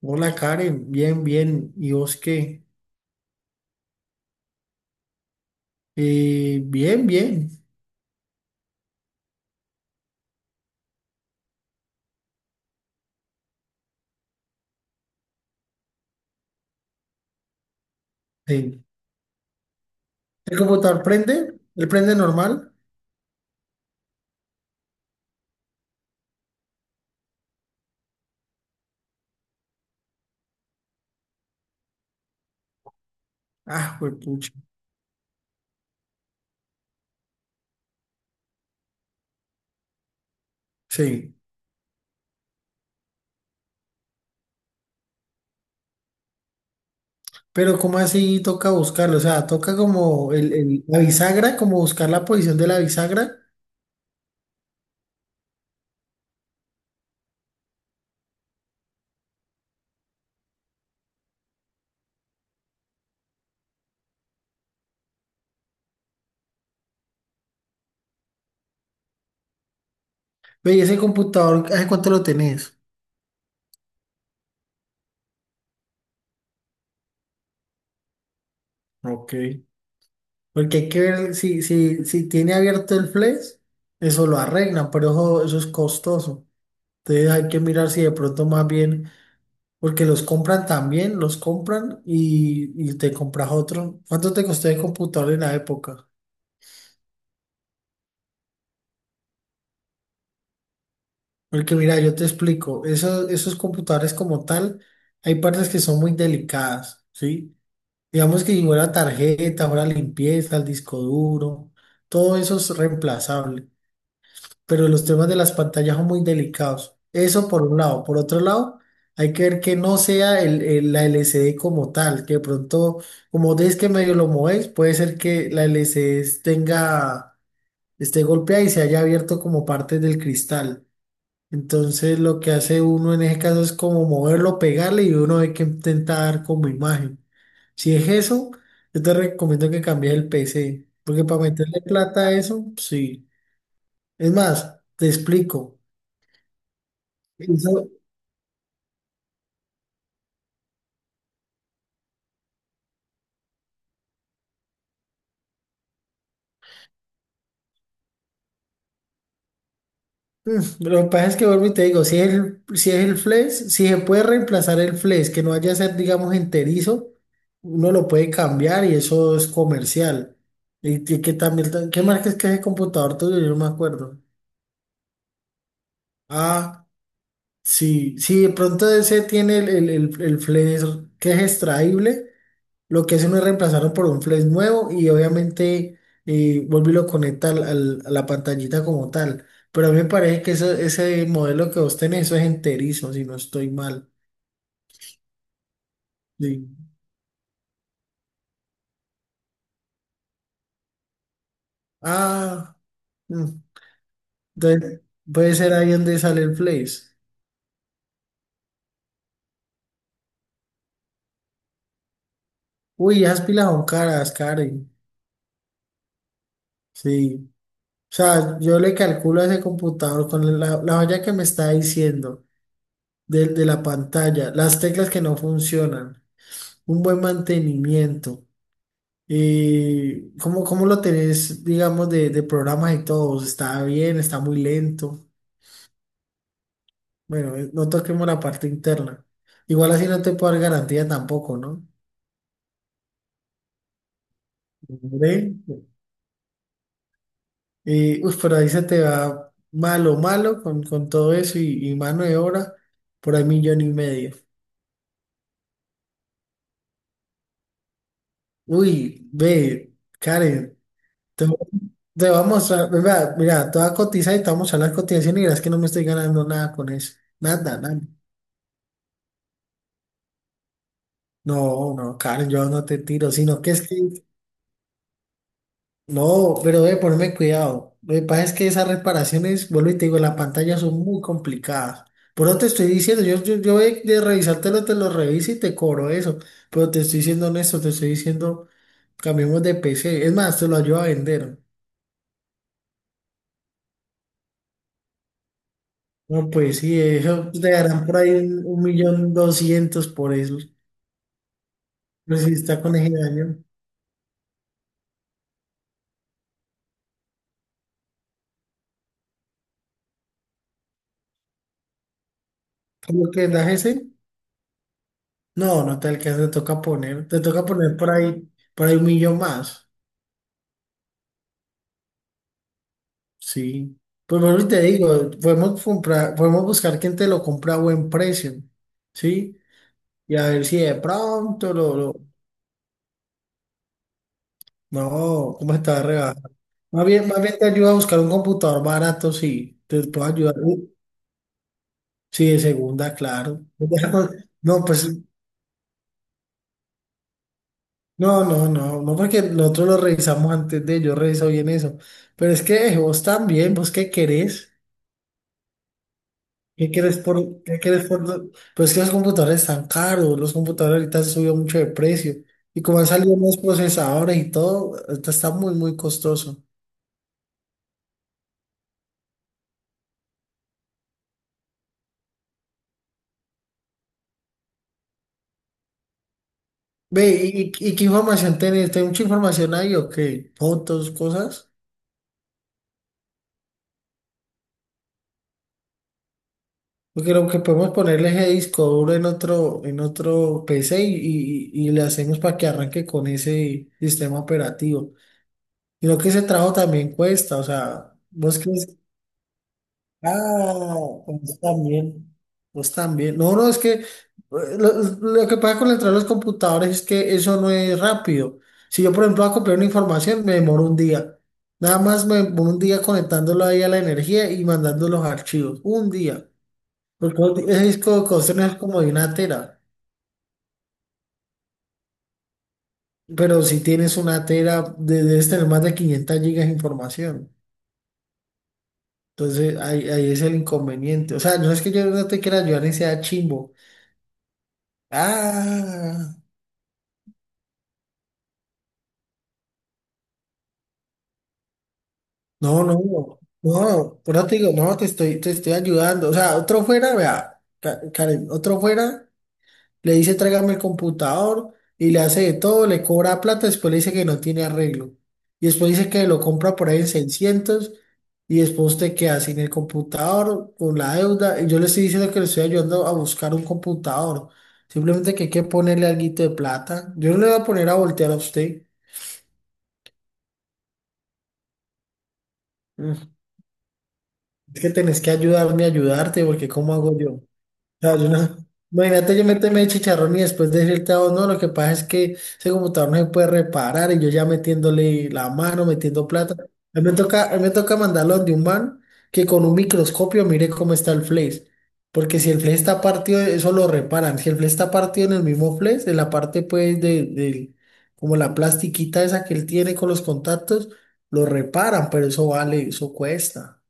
Hola Karen, bien, bien. ¿Y vos qué? Bien, bien. Sí. ¿El computador prende? ¿El prende normal? Ah, pues pucha. Sí. Pero ¿cómo así toca buscarlo? O sea, toca como la bisagra, como buscar la posición de la bisagra. Ve, ¿y ese computador, ¿hace cuánto lo tenés? Ok. Porque hay que ver si, si tiene abierto el flex, eso lo arreglan, pero eso es costoso. Entonces hay que mirar si de pronto más bien. Porque los compran también, los compran y te compras otro. ¿Cuánto te costó el computador en la época? Porque mira, yo te explico, esos, esos computadores como tal, hay partes que son muy delicadas, ¿sí? Digamos que si fuera tarjeta, fuera limpieza, el disco duro, todo eso es reemplazable, pero los temas de las pantallas son muy delicados. Eso por un lado. Por otro lado, hay que ver que no sea la LCD como tal, que de pronto, como des que medio lo movéis, puede ser que la LCD tenga, esté golpeada y se haya abierto como parte del cristal. Entonces, lo que hace uno en ese caso es como moverlo, pegarle y uno hay que intentar como imagen. Si es eso, yo te recomiendo que cambies el PC, porque para meterle plata a eso, sí. Es más, te explico. Eso- lo que pasa es que vuelvo y te digo, si es el, si es el flex, si se puede reemplazar el flex, que no vaya a ser, digamos, enterizo, uno lo puede cambiar y eso es comercial. Y, que también, ¿qué marca es que es el computador tuyo? Yo no me acuerdo. Ah, sí, sí, de pronto ese tiene el flex que es extraíble. Lo que hacen es reemplazarlo por un flash nuevo y obviamente, vuelve y lo conecta a la pantallita como tal. Pero a mí me parece que ese modelo que vos tenés, eso es enterizo, si no estoy mal. Sí. Ah, mm, entonces puede ser ahí donde sale el flash. Uy, esas pilas son caras, Karen. Sí. O sea, yo le calculo a ese computador con la, la olla que me está diciendo de la pantalla, las teclas que no funcionan, un buen mantenimiento. ¿Y cómo, cómo lo tenés, digamos, de programas y todo? ¿Está bien? ¿Está muy lento? Bueno, no toquemos la parte interna. Igual así no te puedo dar garantía tampoco, ¿no? Hombre, y, uy, pero ahí se te va malo, malo con todo eso y mano de obra por ahí millón y medio. Uy, ve, Karen, te, te vamos a, mira, mira, te voy a cotizar y te vamos a la cotización y verás que no me estoy ganando nada con eso. Nada, nada. No, no, Karen, yo no te tiro, sino que es que, no, pero debe ponerme cuidado. Lo que pasa es que esas reparaciones, vuelvo y te digo, las pantallas son muy complicadas. Por eso te estoy diciendo, yo de revisártelo, te lo reviso y te cobro eso. Pero te estoy diciendo honesto, te estoy diciendo, cambiemos de PC. Es más, te lo ayudo a vender. No, pues sí, eso te darán por ahí un 1.200.000 por eso. Pues si está con ese daño. ¿Por lo que da ese? No, no te alcanza, te toca poner por ahí un millón más. Sí. Pues bueno, te digo, podemos comprar, podemos buscar quien te lo compra a buen precio. Sí. Y a ver si de pronto no, ¿cómo está regalando? Más bien te ayuda a buscar un computador barato, sí. Te puedo ayudar. Sí, de segunda, claro. No, pues, no, no, no, no, porque nosotros lo revisamos antes de, yo reviso bien eso. Pero es que vos también, vos qué querés. Qué quieres por, do- pero es que los computadores están caros, los computadores ahorita han subido mucho de precio, y como han salido más procesadores y todo, ahorita está muy, muy costoso. Ve, ¿y, y qué información tenés? ¿Tenés mucha información ahí o qué? ¿Fotos, cosas? Porque lo que podemos ponerle ese disco duro en otro PC y, y le hacemos para que arranque con ese sistema operativo. Y lo que ese trabajo también cuesta, o sea, vos crees. Ah, pues también, pues también. No, no, es que lo que pasa con la entrada de los computadores es que eso no es rápido. Si yo, por ejemplo, voy a copiar una información, me demoro un día. Nada más me demoro un día conectándolo ahí a la energía y mandando los archivos. Un día. Porque un ese disco de cuestión es como de una tera. Pero si tienes una tera, debes tener más de 500 GB de información. Entonces, ahí, ahí es el inconveniente. O sea, no es que yo no te quiera ayudar ni sea chimbo. Ah. No, no, no, por eso te digo, no, te estoy ayudando. O sea, otro fuera, vea, Karen, otro fuera, le dice tráigame el computador y le hace de todo, le cobra plata, después le dice que no tiene arreglo. Y después dice que lo compra por ahí en 600 y después te queda sin el computador, con la deuda. Y yo le estoy diciendo que le estoy ayudando a buscar un computador. Simplemente que hay que ponerle alguito de plata. Yo no le voy a poner a voltear a usted. Mm, es que tenés que ayudarme a ayudarte, porque ¿cómo hago yo? Claro, yo no- imagínate yo meterme de chicharrón y después decirte a vos, no, lo que pasa es que ese computador no se puede reparar y yo ya metiéndole la mano, metiendo plata. A mí me toca, a mí me toca mandarlo donde un man que con un microscopio mire cómo está el flash. Porque si el flash está partido, eso lo reparan. Si el flash está partido en el mismo flash, en la parte pues como la plastiquita esa que él tiene con los contactos, lo reparan, pero eso vale, eso cuesta.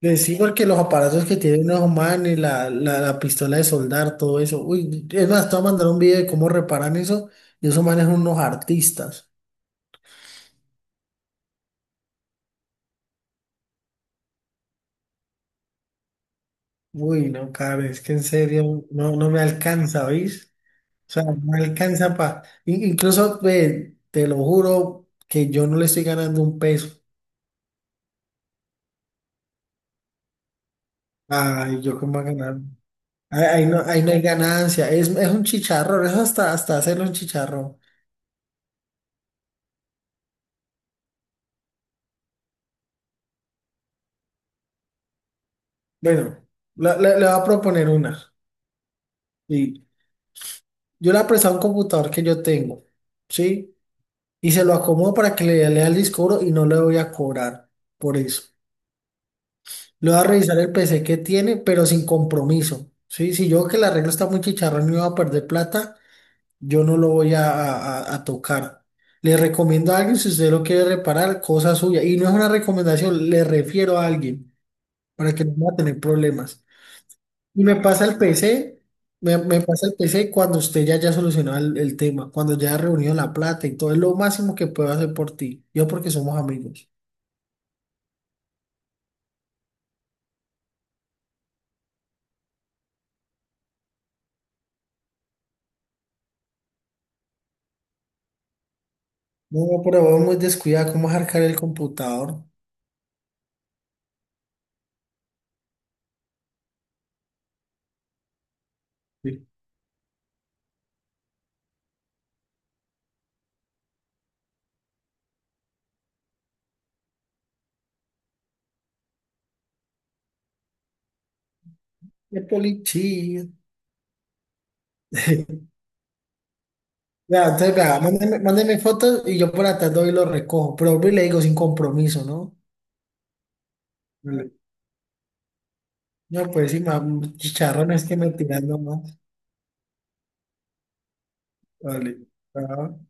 Sí, porque los aparatos que tienen los humanos, la pistola de soldar, todo eso. Uy, es más, te voy a mandar un video de cómo reparan eso. Y esos manes son unos artistas. Uy, no, cara, es que en serio no, no me alcanza, ¿veis? O sea, no me alcanza para. Incluso, ve, te lo juro que yo no le estoy ganando un peso. Ay, yo cómo va a ganar. Ahí, ahí no hay ganancia. Es un chicharrón, eso hasta, hasta hacerlo un chicharrón. Bueno, le voy a proponer una. Yo le he prestado un computador que yo tengo, ¿sí? Y se lo acomodo para que le lea el disco duro y no le voy a cobrar por eso. Le voy a revisar el P C que tiene, pero sin compromiso, ¿sí? Si yo veo que el arreglo está muy chicharrón y voy a perder plata, yo no lo voy a, a tocar. Le recomiendo a alguien, si usted lo quiere reparar, cosa suya. Y no es una recomendación, le refiero a alguien para que no vaya a tener problemas. Y me pasa el PC, me pasa el PC cuando usted ya haya solucionado el tema, cuando ya ha reunido la plata y todo, es lo máximo que puedo hacer por ti. Yo porque somos amigos. No, pero vos muy descuidado, ¿cómo arcar el computador? Sí. Qué policía. Ya, entonces, vea, mándeme, mándeme fotos y yo por atrás doy y lo recojo. Pero vuelvo y le digo sin compromiso, ¿no? Vale. No, pues sí, chicharrones que me tiran nomás. Vale. Chao.